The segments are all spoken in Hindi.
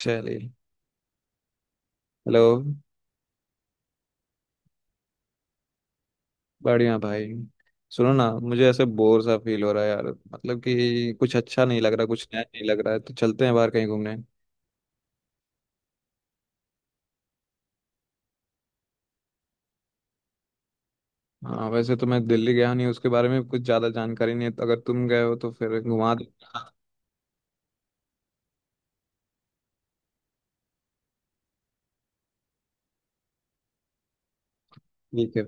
चलिए। हेलो। बढ़िया भाई। सुनो ना, मुझे ऐसे बोर सा फील हो रहा है यार। मतलब कि कुछ अच्छा नहीं लग रहा, कुछ नया नहीं लग रहा है, तो चलते हैं बाहर कहीं घूमने। हाँ वैसे तो मैं दिल्ली गया नहीं, उसके बारे में कुछ ज़्यादा जानकारी नहीं है, तो अगर तुम गए हो तो फिर घुमा दो। ठीक है।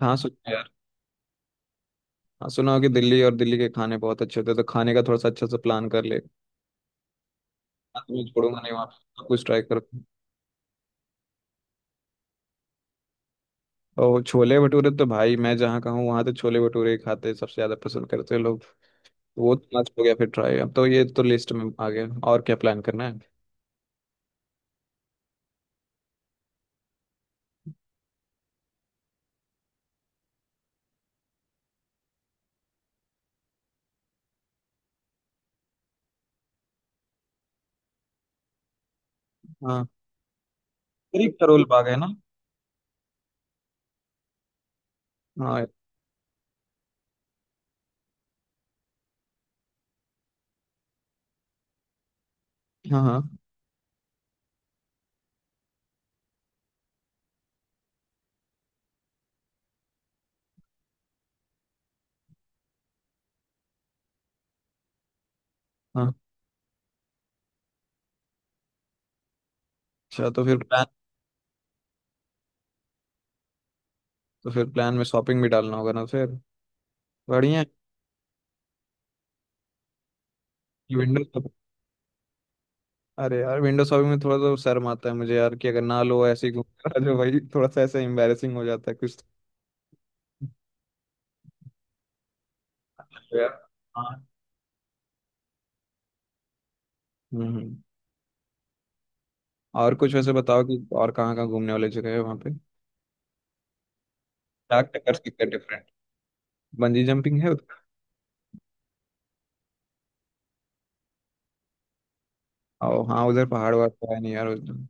हाँ सुनो यार। हाँ सुना हो कि दिल्ली और दिल्ली के खाने बहुत अच्छे होते हैं, तो खाने का थोड़ा सा अच्छा सा प्लान कर ले, हाँ। तो मैं तुम्हें छोड़ूंगा नहीं वहाँ पे, सब कुछ ट्राई करो। और छोले भटूरे तो भाई, मैं जहाँ का हूँ वहाँ तो छोले भटूरे ही खाते हैं, सबसे ज़्यादा पसंद करते हैं लोग। वो तो आज हो गया फिर ट्राई, अब तो ये तो लिस्ट में आ गया। और क्या प्लान करना है? हाँ करीब करोल बाग है ना। हाँ हाँ हाँ हाँ। अच्छा, तो फिर प्लान में शॉपिंग भी डालना होगा ना फिर। बढ़िया है। ये विंडो शॉप- अरे यार, विंडो शॉपिंग में थोड़ा तो शर्म आता है मुझे यार, कि अगर ना लो ऐसे ही घूम जो भाई, थोड़ा सा ऐसे एम्बेरसिंग हो जाता है कुछ। तो यार, हाँ, हम्म हम्म। और कुछ वैसे बताओ कि और कहाँ कहाँ घूमने वाली जगह है वहाँ पे, क्या क्या कर सकते हैं डिफरेंट। बंजी जंपिंग है उधर? ओ हाँ, उधर पहाड़ वहाड़ तो है नहीं यार उधर।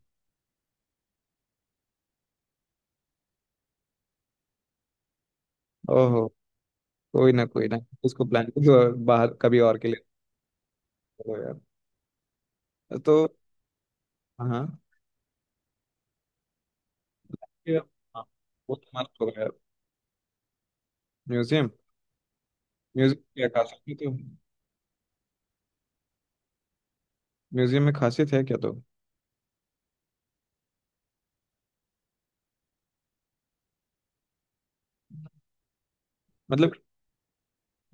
ओहो। कोई ना, कोई ना, इसको प्लान तो बाहर कभी और के लिए करो यार। तो हाँ। ये- हाँ, वो तो मस्त होगा यार, म्यूजियम। म्यूजियम क्या खासियत है तो? म्यूजियम में खासियत है क्या तो? मतलब,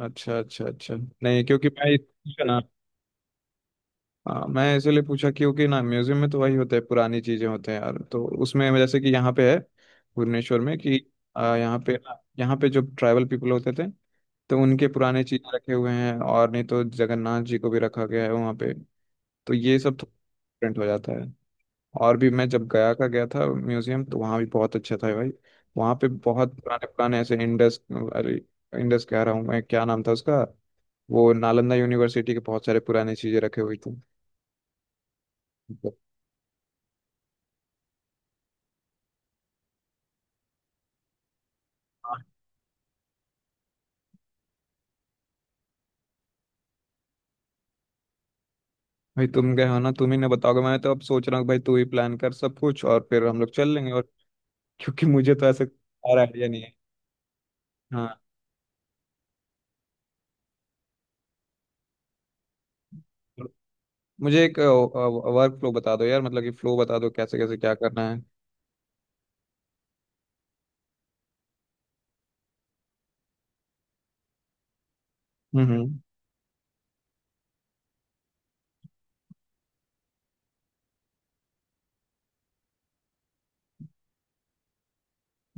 अच्छा अच्छा अच्छा। नहीं, क्योंकि मैं इसलिए ना, हाँ, मैं इसलिए पूछा क्योंकि ना म्यूजियम में तो वही होता है, पुरानी चीजें होते हैं यार, तो उसमें जैसे कि यहाँ पे है, भुवनेश्वर में कि, यहाँ पे, यहाँ पे जो ट्राइबल पीपल होते थे, तो उनके पुराने चीज रखे हुए हैं, और नहीं तो जगन्नाथ जी को भी रखा गया है वहाँ पे। तो ये सब थोड़ा डिफरेंट हो जाता है। और भी मैं जब गया का गया था म्यूजियम तो वहाँ भी बहुत अच्छा था भाई। वहाँ पे बहुत पुराने पुराने ऐसे इंडस, अरे, इंडस कह रहा हूँ मैं, क्या नाम था उसका, वो नालंदा यूनिवर्सिटी के बहुत सारे पुराने चीजें रखे हुई थी। हाँ। भाई तुम गए हो ना, तुम ही ने बताओगे। मैं तो अब सोच रहा हूँ कि भाई तू ही प्लान कर सब कुछ, और फिर हम लोग चल लेंगे, और क्योंकि मुझे तो ऐसा और आइडिया नहीं है। हाँ। मुझे एक वर्क फ्लो बता दो यार, मतलब कि फ्लो बता दो कैसे कैसे क्या करना है। हम्म।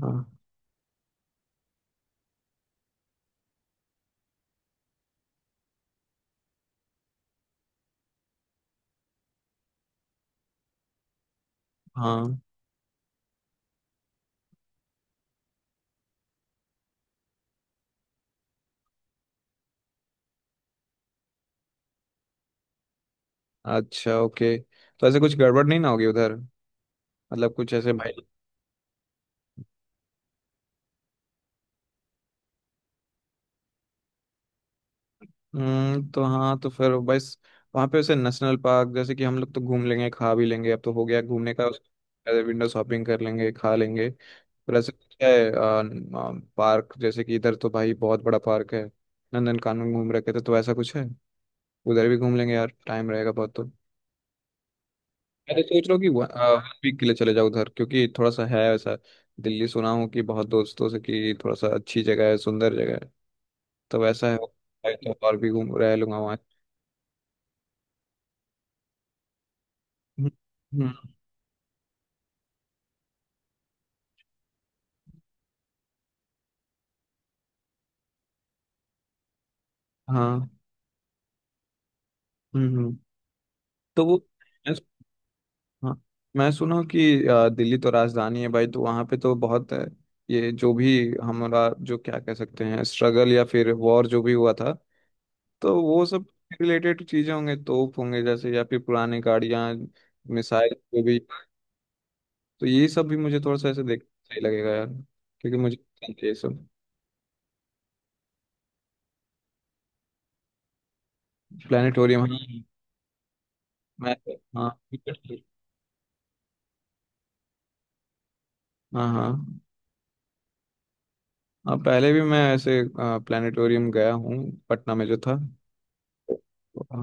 हाँ। हाँ। अच्छा, ओके। तो ऐसे कुछ गड़बड़ नहीं ना होगी उधर, मतलब कुछ ऐसे भाई। हम्म, तो हाँ, तो फिर बस, वहाँ पे वैसे नेशनल पार्क जैसे कि हम लोग तो घूम लेंगे, खा भी लेंगे, अब तो हो गया घूमने का, विंडो शॉपिंग कर लेंगे, खा लेंगे। फिर ऐसे कुछ है पार्क जैसे कि इधर तो भाई बहुत बड़ा पार्क है, नंदन कानन घूम रखे थे, तो ऐसा कुछ है उधर भी घूम लेंगे यार, टाइम रहेगा बहुत तो। मैं तो सोच रहा हूँ कि 1 वीक के लिए चले जाओ उधर, क्योंकि थोड़ा सा है ऐसा, दिल्ली सुना हूँ कि बहुत दोस्तों से कि थोड़ा सा अच्छी जगह है, सुंदर जगह है, तो वैसा है तो और भी घूम रह लूंगा वहाँ। हम्म, हम्म, हाँ, हम्म हम्म। तो वो, मैं हाँ मैं सुना हूँ कि दिल्ली तो राजधानी है भाई, तो वहाँ पे तो बहुत, ये जो भी हमारा जो क्या कह सकते हैं स्ट्रगल या फिर वॉर जो भी हुआ था, तो वो सब रिलेटेड चीजें होंगे, तोप होंगे जैसे, या फिर पुरानी गाड़ियाँ, मिसाइल जो भी। तो ये सब भी मुझे थोड़ा सा ऐसे देख सही लगेगा यार, क्योंकि मुझे पसंद है ये सब। प्लानिटोरियम, हाँ। मैं, हाँ हाँ हाँ हाँ, पहले भी मैं ऐसे प्लानिटोरियम गया हूँ, पटना में जो था।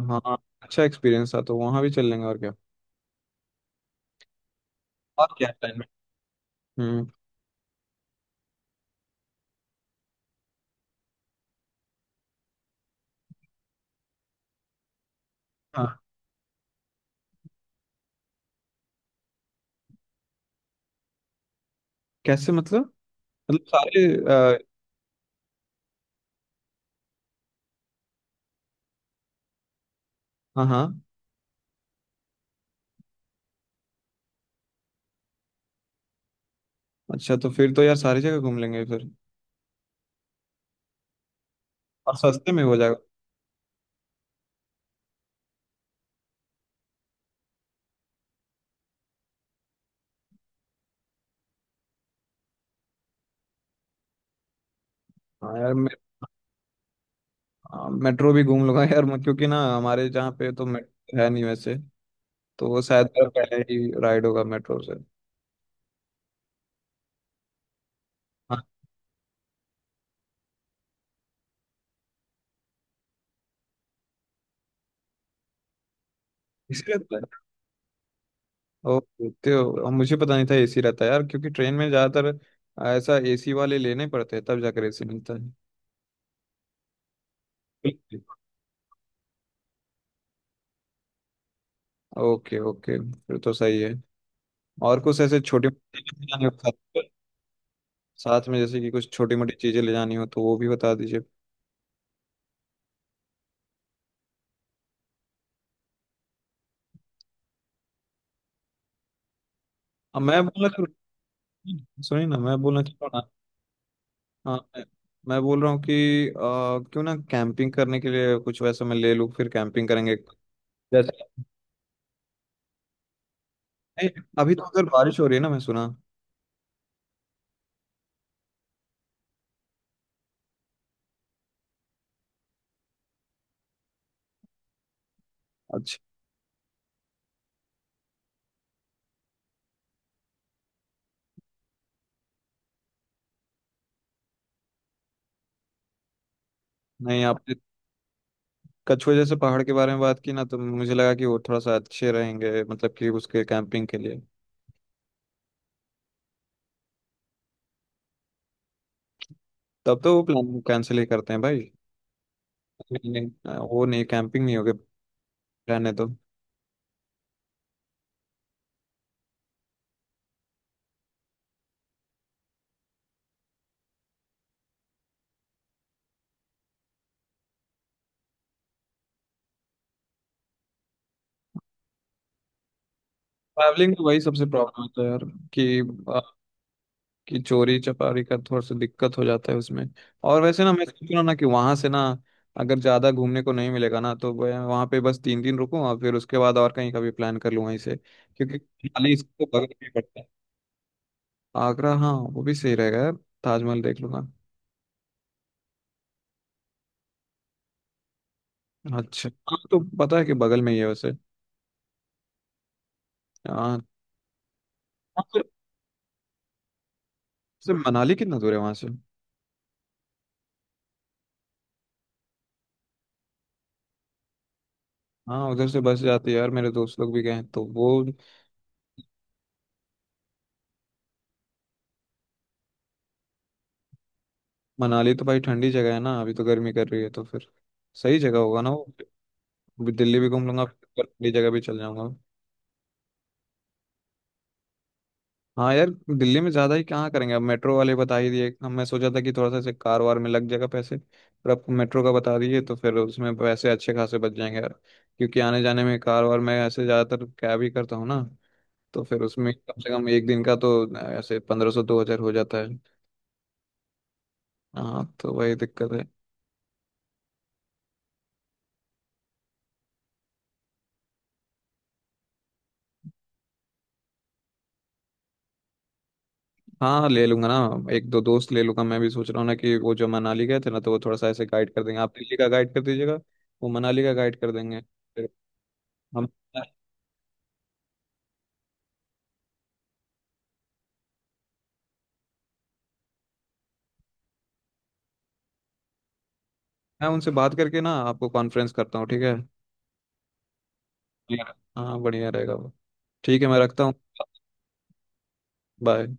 हाँ। अच्छा एक्सपीरियंस था, तो वहाँ भी चल लेंगे और क्या। और क्या टाइम में। हम्म। हाँ। कैसे मतलब, मतलब सारे, आ, हाँ हाँ। अच्छा तो फिर तो यार सारी जगह घूम लेंगे फिर, और सस्ते में हो जाएगा। हाँ यार मे, मेट्रो भी घूम लूंगा यार क्योंकि ना हमारे जहाँ पे तो मेट्रो है नहीं वैसे, तो वो शायद मेरा पहले ही राइड होगा मेट्रो से। हाँ। इसीलिए तो। ओ तो मुझे पता नहीं था एसी रहता है यार, क्योंकि ट्रेन में ज्यादातर ऐसा एसी वाले लेने पड़ते हैं, तब जाकर एसी मिलता है। बिल्कुल। ओके ओके, फिर तो सही है। और कुछ ऐसे छोटी मोटी चीजें ले जानी हो साथ, साथ में जैसे कि कुछ छोटी मोटी चीजें ले जानी हो तो वो भी बता दीजिए। अब मैं बोलना सुनिए ना, मैं बोलना चाह रहा हूँ। ना, हाँ मैं बोल रहा हूँ कि क्यों ना कैंपिंग करने के लिए कुछ वैसा मैं ले लूँ, फिर कैंपिंग करेंगे जैसे। नहीं, अभी तो अगर बारिश हो रही है ना, मैं सुना। अच्छा। नहीं आप कछुए जैसे पहाड़ के बारे में बात की ना, तो मुझे लगा कि वो थोड़ा सा अच्छे रहेंगे, मतलब कि उसके कैंपिंग के लिए। तब तो वो प्लान कैंसिल ही करते हैं भाई। नहीं नहीं, वो नहीं, कैंपिंग नहीं होगी, रहने दो। ट्रैवलिंग में वही सबसे प्रॉब्लम होता है यार, कि आ, कि चोरी चपारी का थोड़ा सा दिक्कत हो जाता है उसमें। और वैसे ना मैं सोच रहा ना कि वहां से ना, अगर ज्यादा घूमने को नहीं मिलेगा ना तो वहाँ पे बस 3 दिन रुकूं, और फिर उसके बाद और कहीं का भी प्लान कर लूँ वहीं से, क्योंकि खाली इसको बगल में ही पड़ता है। आगरा हाँ, वो भी सही रहेगा यार, ताजमहल देख लूंगा। अच्छा हाँ, तो पता है कि बगल में ही है वैसे। हाँ। हाँ, तो से मनाली कितना दूर है वहां से? हाँ उधर से बस जाती है यार, मेरे दोस्त लोग भी गए हैं तो वो। मनाली तो भाई ठंडी जगह है ना, अभी तो गर्मी कर रही है तो फिर सही जगह होगा ना वो। अभी दिल्ली भी घूम लूंगा, फिर ठंडी जगह भी चल जाऊंगा। हाँ यार, दिल्ली में ज्यादा ही कहाँ करेंगे, अब मेट्रो वाले बता ही दिए, हम मैं सोचा था कि थोड़ा सा ऐसे कार वार में लग जाएगा पैसे पर, अब मेट्रो का बता दिए तो फिर उसमें पैसे अच्छे खासे बच जाएंगे यार, क्योंकि आने जाने में कार वार में ऐसे ज्यादातर कैब ही करता हूँ ना, तो फिर उसमें कम से कम एक दिन का तो ऐसे 1500 2000 हो जाता है। हाँ तो वही दिक्कत है। हाँ ले लूंगा ना, एक दो दोस्त ले लूंगा। मैं भी सोच रहा हूँ ना कि वो जो मनाली गए थे ना, तो वो थोड़ा सा ऐसे गाइड कर देंगे, आप दिल्ली का गाइड कर दीजिएगा, वो मनाली का गाइड कर देंगे फिर। हम मैं उनसे बात करके ना आपको कॉन्फ्रेंस करता हूँ, ठीक है। हाँ बढ़िया रहेगा वो। ठीक है, मैं रखता हूँ। बाय।